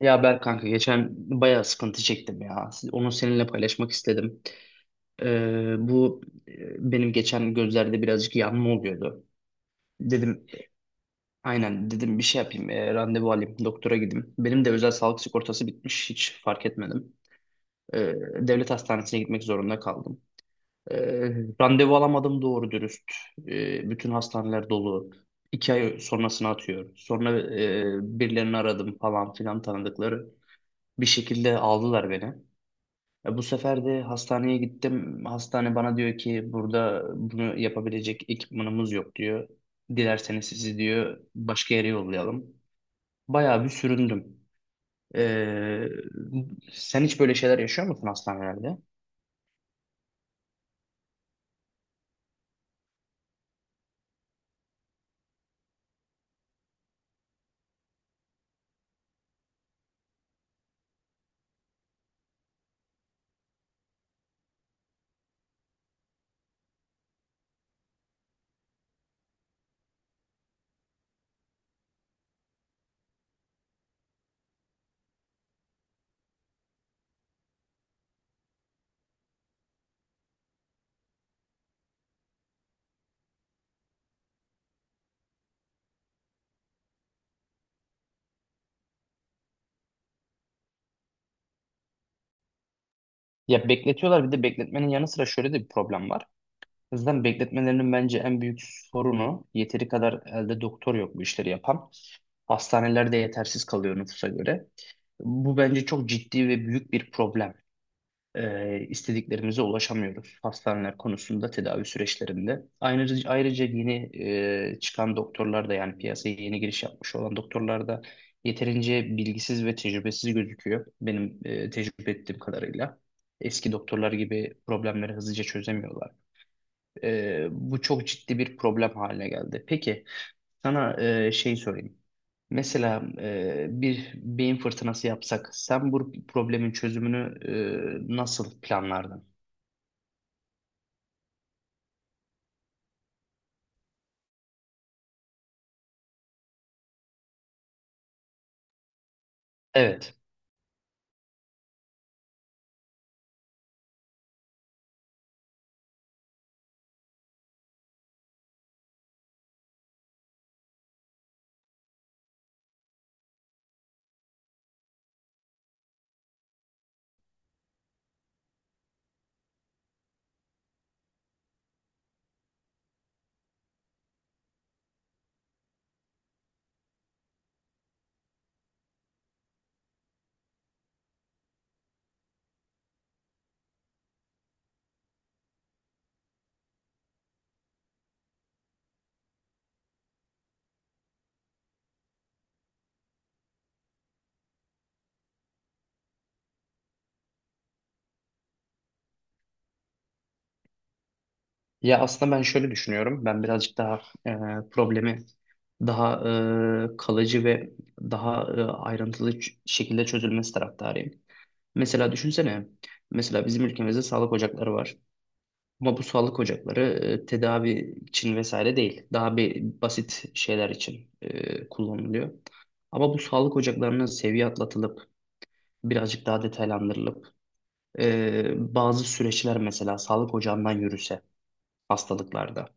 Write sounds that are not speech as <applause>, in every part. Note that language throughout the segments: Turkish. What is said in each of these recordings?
Ya Berk kanka, geçen bayağı sıkıntı çektim ya. Onu seninle paylaşmak istedim. Ee, bu benim geçen gözlerde birazcık yanma oluyordu. Dedim aynen dedim bir şey yapayım, randevu alayım doktora gideyim. Benim de özel sağlık sigortası bitmiş, hiç fark etmedim. Ee, devlet hastanesine gitmek zorunda kaldım. Ee, randevu alamadım doğru dürüst. Bütün hastaneler dolu. 2 ay sonrasını atıyor. Sonra birilerini aradım, falan filan tanıdıkları. Bir şekilde aldılar beni. Bu sefer de hastaneye gittim. Hastane bana diyor ki, burada bunu yapabilecek ekipmanımız yok diyor. Dilerseniz sizi diyor başka yere yollayalım. Bayağı bir süründüm. E, sen hiç böyle şeyler yaşıyor musun hastanelerde? Ya, bekletiyorlar, bir de bekletmenin yanı sıra şöyle de bir problem var. O yüzden bekletmelerinin bence en büyük sorunu, yeteri kadar elde doktor yok bu işleri yapan. Hastanelerde yetersiz kalıyor nüfusa göre. Bu bence çok ciddi ve büyük bir problem. E, istediklerimize ulaşamıyoruz hastaneler konusunda, tedavi süreçlerinde. Ayrıca yeni çıkan doktorlar da, yani piyasaya yeni giriş yapmış olan doktorlar da, yeterince bilgisiz ve tecrübesiz gözüküyor benim tecrübe ettiğim kadarıyla. Eski doktorlar gibi problemleri hızlıca çözemiyorlar. Bu çok ciddi bir problem haline geldi. Peki sana, sorayım. Mesela bir beyin fırtınası yapsak, sen bu problemin çözümünü nasıl planlardın? Evet. Ya aslında ben şöyle düşünüyorum. Ben birazcık daha problemi, daha kalıcı ve daha ayrıntılı şekilde çözülmesi taraftarıyım. Mesela düşünsene, mesela bizim ülkemizde sağlık ocakları var. Ama bu sağlık ocakları tedavi için vesaire değil. Daha bir basit şeyler için kullanılıyor. Ama bu sağlık ocaklarının seviye atlatılıp, birazcık daha detaylandırılıp, bazı süreçler mesela sağlık ocağından yürüse hastalıklarda.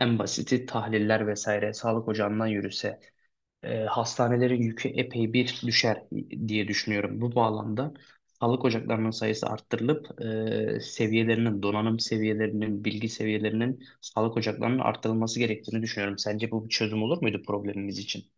En basiti tahliller vesaire sağlık ocağından yürüse, hastanelerin yükü epey bir düşer diye düşünüyorum. Bu bağlamda sağlık ocaklarının sayısı arttırılıp, seviyelerinin, donanım seviyelerinin, bilgi seviyelerinin, sağlık ocaklarının arttırılması gerektiğini düşünüyorum. Sence bu bir çözüm olur muydu problemimiz için?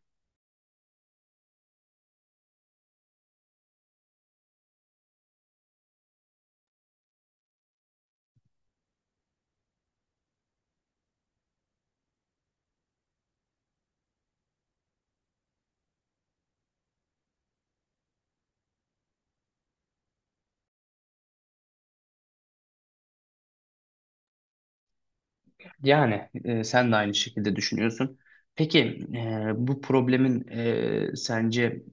Yani sen de aynı şekilde düşünüyorsun. Peki bu problemin, sence,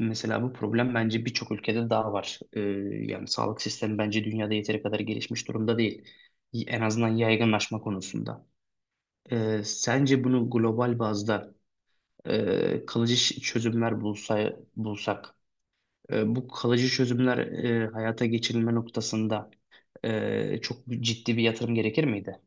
mesela bu problem bence birçok ülkede daha var. Yani sağlık sistemi bence dünyada yeteri kadar gelişmiş durumda değil. En azından yaygınlaşma konusunda. Sence bunu global bazda kalıcı çözümler bulsak, bu kalıcı çözümler hayata geçirilme noktasında, çok ciddi bir yatırım gerekir miydi?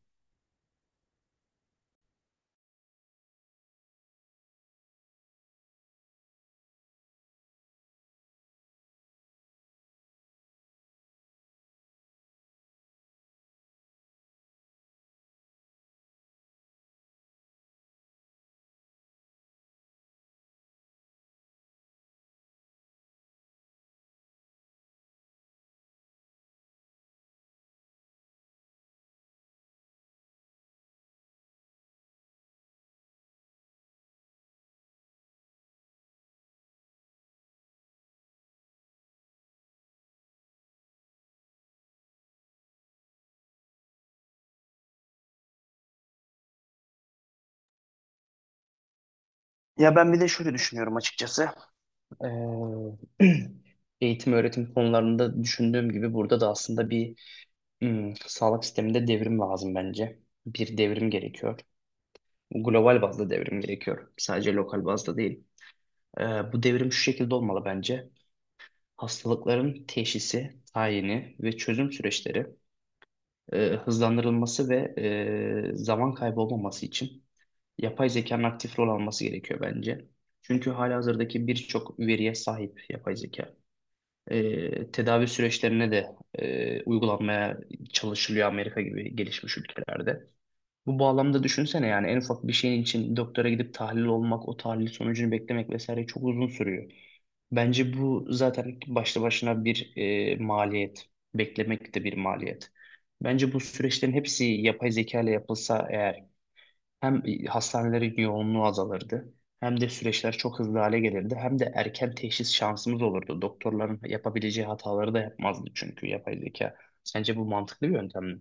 Ya ben bir de şöyle düşünüyorum açıkçası. Ee, <clears throat> Eğitim öğretim konularında düşündüğüm gibi, burada da aslında bir, sağlık sisteminde devrim lazım bence. Bir devrim gerekiyor. Global bazda devrim gerekiyor, sadece lokal bazda değil. Bu devrim şu şekilde olmalı bence. Hastalıkların teşhisi, tayini ve çözüm süreçleri hızlandırılması ve zaman kaybı olmaması için, yapay zekanın aktif rol alması gerekiyor bence. Çünkü halihazırdaki birçok veriye sahip yapay zeka. Tedavi süreçlerine de uygulanmaya çalışılıyor Amerika gibi gelişmiş ülkelerde. Bu bağlamda düşünsene, yani en ufak bir şeyin için doktora gidip tahlil olmak, o tahlil sonucunu beklemek vesaire çok uzun sürüyor. Bence bu zaten başlı başına bir maliyet. Beklemek de bir maliyet. Bence bu süreçlerin hepsi yapay zeka ile yapılsa eğer, hem hastanelerin yoğunluğu azalırdı, hem de süreçler çok hızlı hale gelirdi, hem de erken teşhis şansımız olurdu. Doktorların yapabileceği hataları da yapmazdı, çünkü yapay zeka. Sence bu mantıklı bir yöntem mi?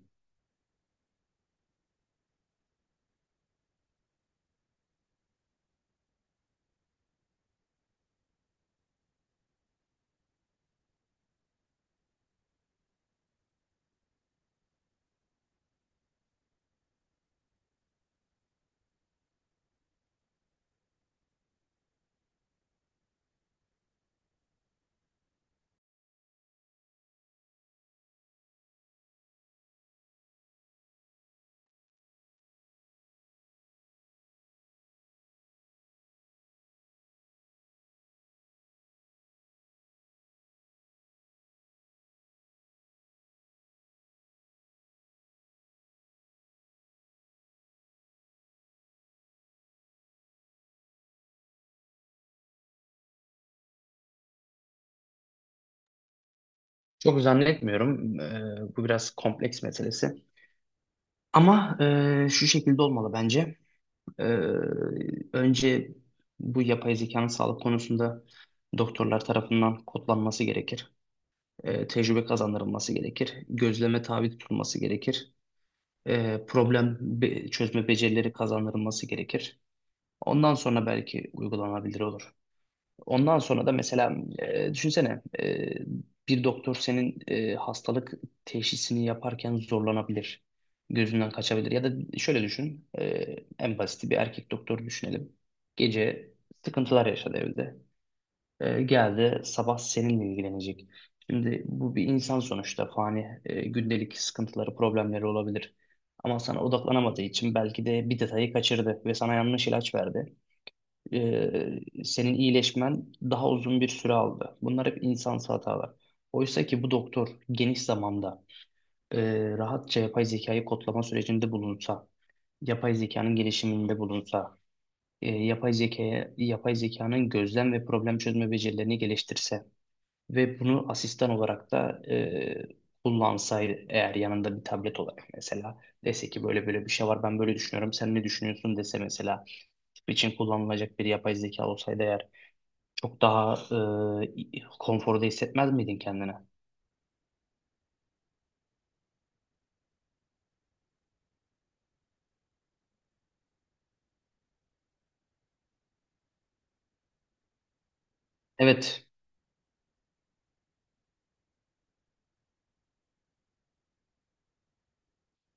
Çok zannetmiyorum. Bu biraz kompleks meselesi. Ama şu şekilde olmalı bence. Ee, önce bu yapay zekanın sağlık konusunda, doktorlar tarafından kodlanması gerekir. Tecrübe kazandırılması gerekir. Gözleme tabi tutulması gerekir. Problem çözme becerileri kazandırılması gerekir. Ondan sonra belki uygulanabilir olur. Ondan sonra da mesela, düşünsene, bir doktor senin hastalık teşhisini yaparken zorlanabilir. Gözünden kaçabilir. Ya da şöyle düşün. En basit bir erkek doktor düşünelim. Gece sıkıntılar yaşadı evde. Geldi sabah seninle ilgilenecek. Şimdi bu bir insan sonuçta, fani, gündelik sıkıntıları, problemleri olabilir. Ama sana odaklanamadığı için belki de bir detayı kaçırdı ve sana yanlış ilaç verdi. Senin iyileşmen daha uzun bir süre aldı. Bunlar hep insansı hatalar. Oysa ki bu doktor geniş zamanda, e, rahatça yapay zekayı kodlama sürecinde bulunsa, yapay zekanın gelişiminde bulunsa, yapay zekaya, yapay zekanın gözlem ve problem çözme becerilerini geliştirse, ve bunu asistan olarak da kullansaydı eğer, yanında bir tablet olarak mesela, dese ki böyle böyle bir şey var, ben böyle düşünüyorum sen ne düşünüyorsun dese mesela, tip için kullanılacak bir yapay zeka olsaydı eğer, çok daha konforda hissetmez miydin kendine? Evet,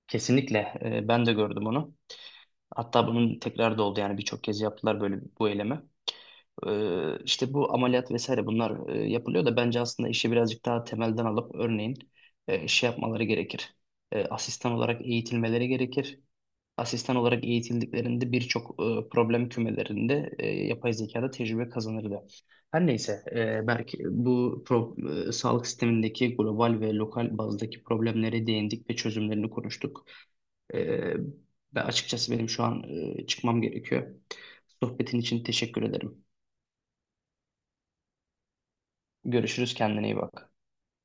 kesinlikle. Ben de gördüm onu. Hatta bunun tekrar da oldu, yani birçok kez yaptılar böyle bu eylemi. İşte bu ameliyat vesaire bunlar yapılıyor da, bence aslında işi birazcık daha temelden alıp, örneğin yapmaları gerekir. Asistan olarak eğitilmeleri gerekir. Asistan olarak eğitildiklerinde birçok problem kümelerinde, yapay zekada tecrübe kazanırdı. Her neyse, belki bu sağlık sistemindeki global ve lokal bazdaki problemlere değindik ve çözümlerini konuştuk. E, ve açıkçası benim şu an çıkmam gerekiyor. Sohbetin için teşekkür ederim. Görüşürüz, kendine iyi bak.